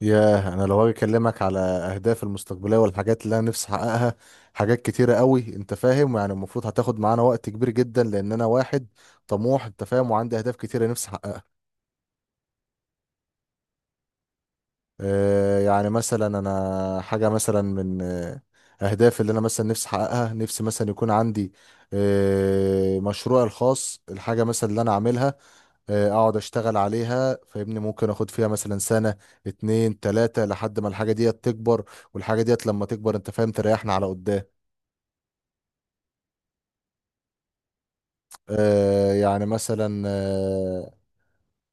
ياه، انا لو هاجي اكلمك على اهدافي المستقبليه والحاجات اللي انا نفسي احققها، حاجات كتيره قوي، انت فاهم؟ يعني المفروض هتاخد معانا وقت كبير جدا لان انا واحد طموح، انت فاهم، وعندي اهداف كتيره نفسي احققها. يعني مثلا انا حاجه مثلا من اهدافي اللي انا مثلا نفسي احققها، نفسي مثلا يكون عندي مشروعي الخاص، الحاجه مثلا اللي انا عاملها اقعد اشتغل عليها. فاهمني؟ ممكن اخد فيها مثلا سنة 2 3 لحد ما الحاجة ديت تكبر، والحاجة ديت لما تكبر انت فاهم تريحنا على قدام. يعني مثلا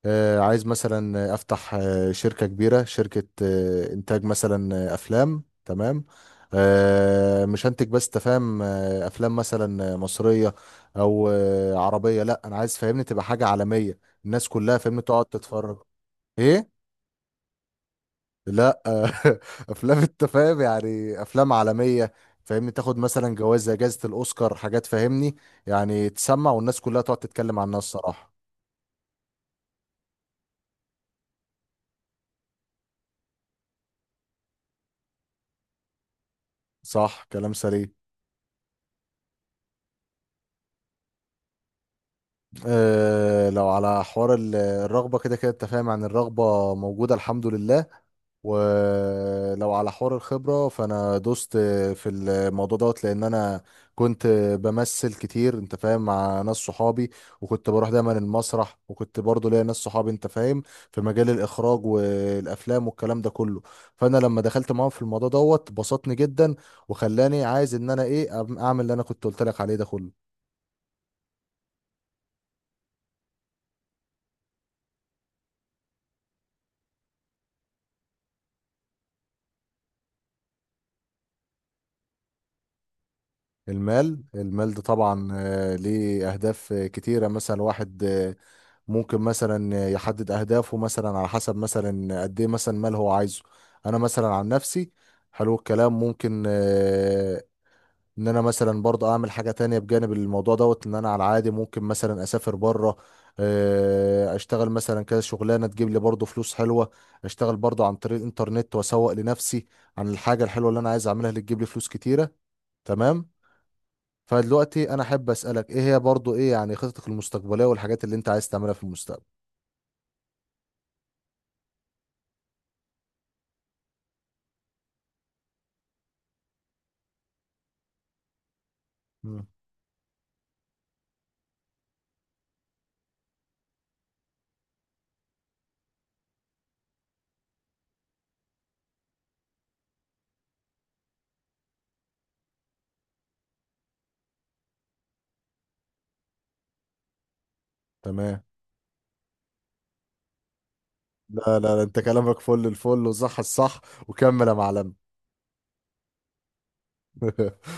عايز مثلا افتح شركة كبيرة، شركة انتاج مثلا افلام. تمام. مش هنتج، بس تفهم افلام مثلا مصرية او عربية. لا، انا عايز فاهمني تبقى حاجة عالمية، الناس كلها فاهمني تقعد تتفرج. ايه؟ لا. افلام، انت فاهم، يعني افلام عالميه، فاهمني تاخد مثلا جوائز زي جائزه الاوسكار، حاجات فاهمني يعني تسمع والناس كلها تقعد تتكلم عنها، الصراحه. صح، كلام سليم. أه، لو على حوار الرغبه كده كده، انت فاهم يعني الرغبه موجوده، الحمد لله. ولو على حوار الخبرة، فأنا دوست في الموضوع دوت، لأن أنا كنت بمثل كتير، أنت فاهم، مع ناس صحابي، وكنت بروح دايما المسرح، وكنت برضو ليا ناس صحابي أنت فاهم في مجال الإخراج والأفلام والكلام ده كله. فأنا لما دخلت معاهم في الموضوع دوت بسطني جدا، وخلاني عايز إن أنا إيه، أعمل اللي أنا كنت قلت لك عليه ده كله. المال، المال ده طبعا ليه أهداف كتيرة، مثلا واحد ممكن مثلا يحدد أهدافه مثلا على حسب مثلا قد إيه مثلا مال هو عايزه. أنا مثلا عن نفسي، حلو الكلام، ممكن إن أنا مثلا برضه أعمل حاجة تانية بجانب الموضوع دوت، إن أنا على العادي ممكن مثلا أسافر بره، أشتغل مثلا كذا شغلانة تجيب لي برضه فلوس حلوة، أشتغل برضه عن طريق الإنترنت وأسوق لنفسي عن الحاجة الحلوة اللي أنا عايز أعملها اللي تجيب لي فلوس كتيرة. تمام. فدلوقتي انا احب اسالك، ايه هي برضو، ايه يعني خططك المستقبليه والحاجات اللي انت عايز تعملها في المستقبل؟ مم. تمام. لا لا لا، انت كلامك فل الفل وصح الصح، وكمل يا معلم.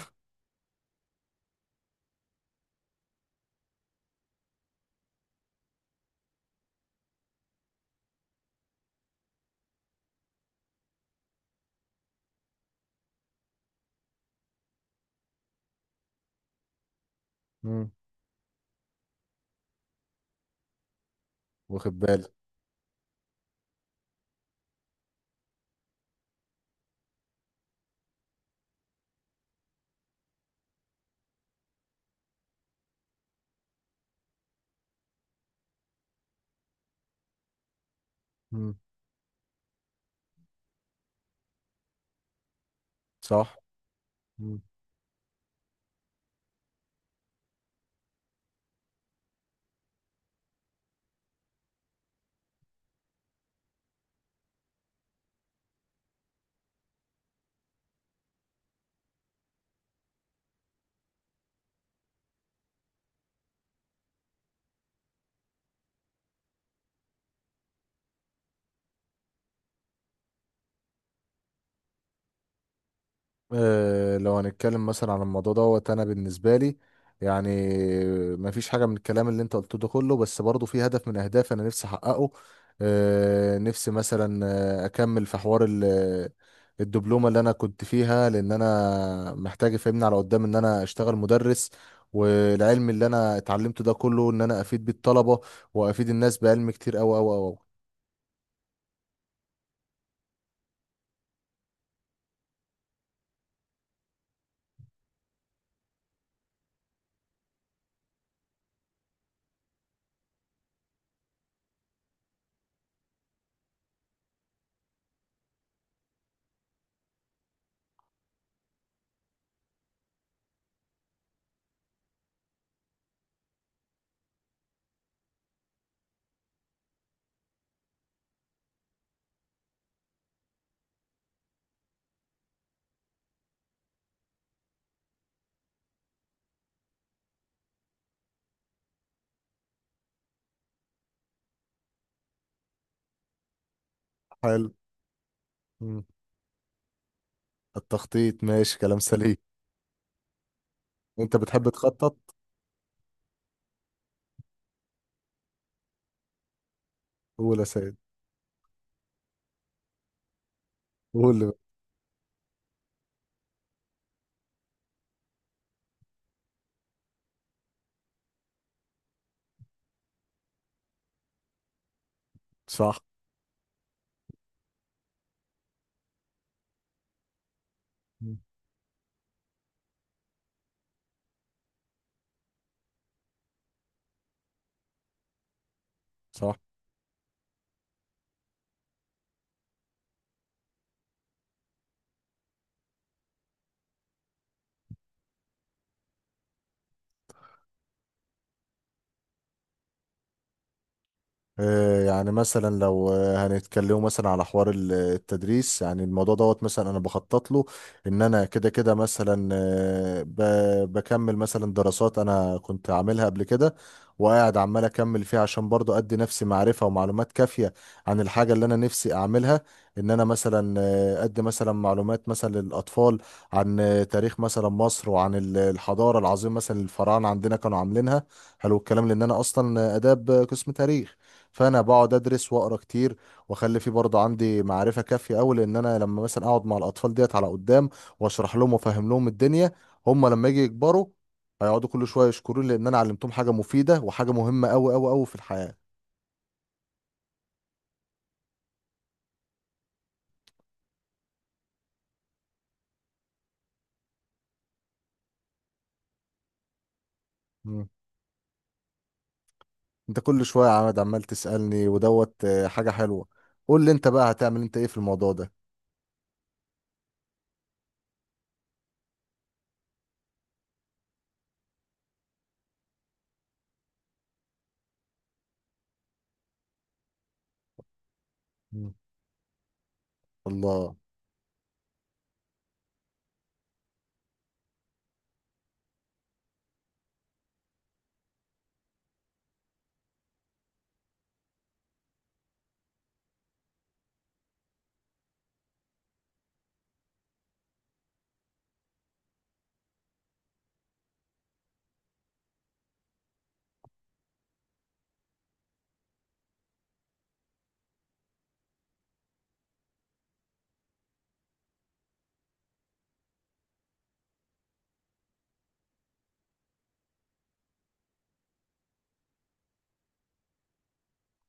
مم. واخد بالك. مم. صح. لو هنتكلم مثلا عن الموضوع دوت انا بالنسبه لي يعني ما فيش حاجه من الكلام اللي انت قلته ده كله، بس برضه في هدف من اهدافي انا نفسي احققه. نفسي مثلا اكمل في حوار الدبلومه اللي انا كنت فيها، لان انا محتاج افهمني على قدام ان انا اشتغل مدرس، والعلم اللي انا اتعلمته ده كله ان انا افيد بيه الطلبه، وافيد الناس بعلم كتير اوي اوي اوي. حلو. مم. التخطيط، ماشي كلام سليم. انت بتحب تخطط؟ قول يا سيد. قول. صح. صح. يعني مثلا لو هنتكلموا مثلا على حوار التدريس، يعني الموضوع دوت مثلا انا بخطط له ان انا كده كده، مثلا بكمل مثلا دراسات انا كنت عاملها قبل كده، وقاعد عمال اكمل فيها عشان برضو ادي نفسي معرفة ومعلومات كافية عن الحاجة اللي انا نفسي اعملها. ان انا مثلا ادي مثلا معلومات مثلا للاطفال عن تاريخ مثلا مصر، وعن الحضارة العظيمة مثلا الفراعنة عندنا كانوا عاملينها. حلو الكلام، لان انا اصلا اداب، قسم تاريخ، فانا بقعد ادرس واقرا كتير، واخلي فيه برضه عندي معرفه كافيه قوي، لان انا لما مثلا اقعد مع الاطفال ديت على قدام واشرح لهم وافهم لهم الدنيا، هم لما يجي يكبروا هيقعدوا كل شويه يشكروني، لان انا علمتهم حاجه مفيده وحاجه مهمه قوي قوي قوي في الحياه. مم. انت كل شويه يا عماد عمال تسالني، ودوت حاجه حلوه. قول لي انت بقى هتعمل انت ايه في الموضوع ده. مم. الله.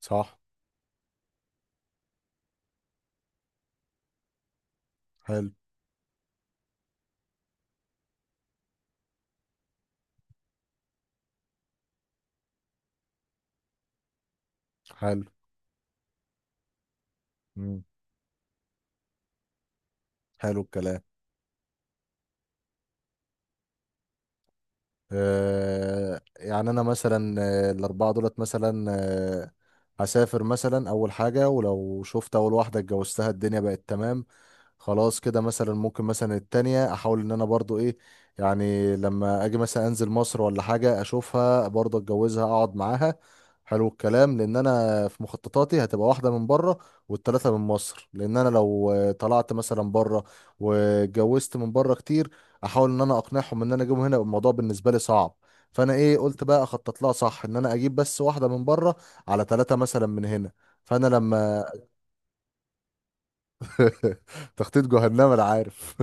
صح. حلو. حلو. مم. حلو الكلام. يعني انا مثلا الاربعه دولت مثلا هسافر مثلا اول حاجه، ولو شفت اول واحده اتجوزتها الدنيا بقت تمام، خلاص كده. مثلا ممكن مثلا التانية احاول ان انا برضو ايه، يعني لما اجي مثلا انزل مصر ولا حاجة اشوفها برضو اتجوزها اقعد معاها. حلو الكلام، لان انا في مخططاتي هتبقى واحدة من بره والتلاتة من مصر، لان انا لو طلعت مثلا بره واتجوزت من بره كتير، احاول ان انا اقنعهم ان انا اجيبهم هنا يبقى الموضوع بالنسبة لي صعب. فانا ايه، قلت بقى اخطط لها صح، ان انا اجيب بس واحدة من بره على 3 مثلا من هنا. فانا لما تخطيط جهنم، انا عارف.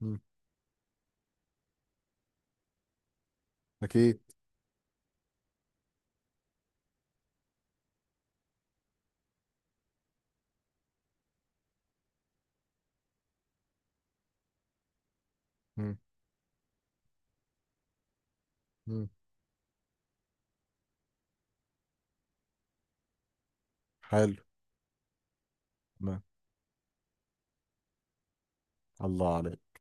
أكيد. مم. مم. حلو. تمام. الله عليك.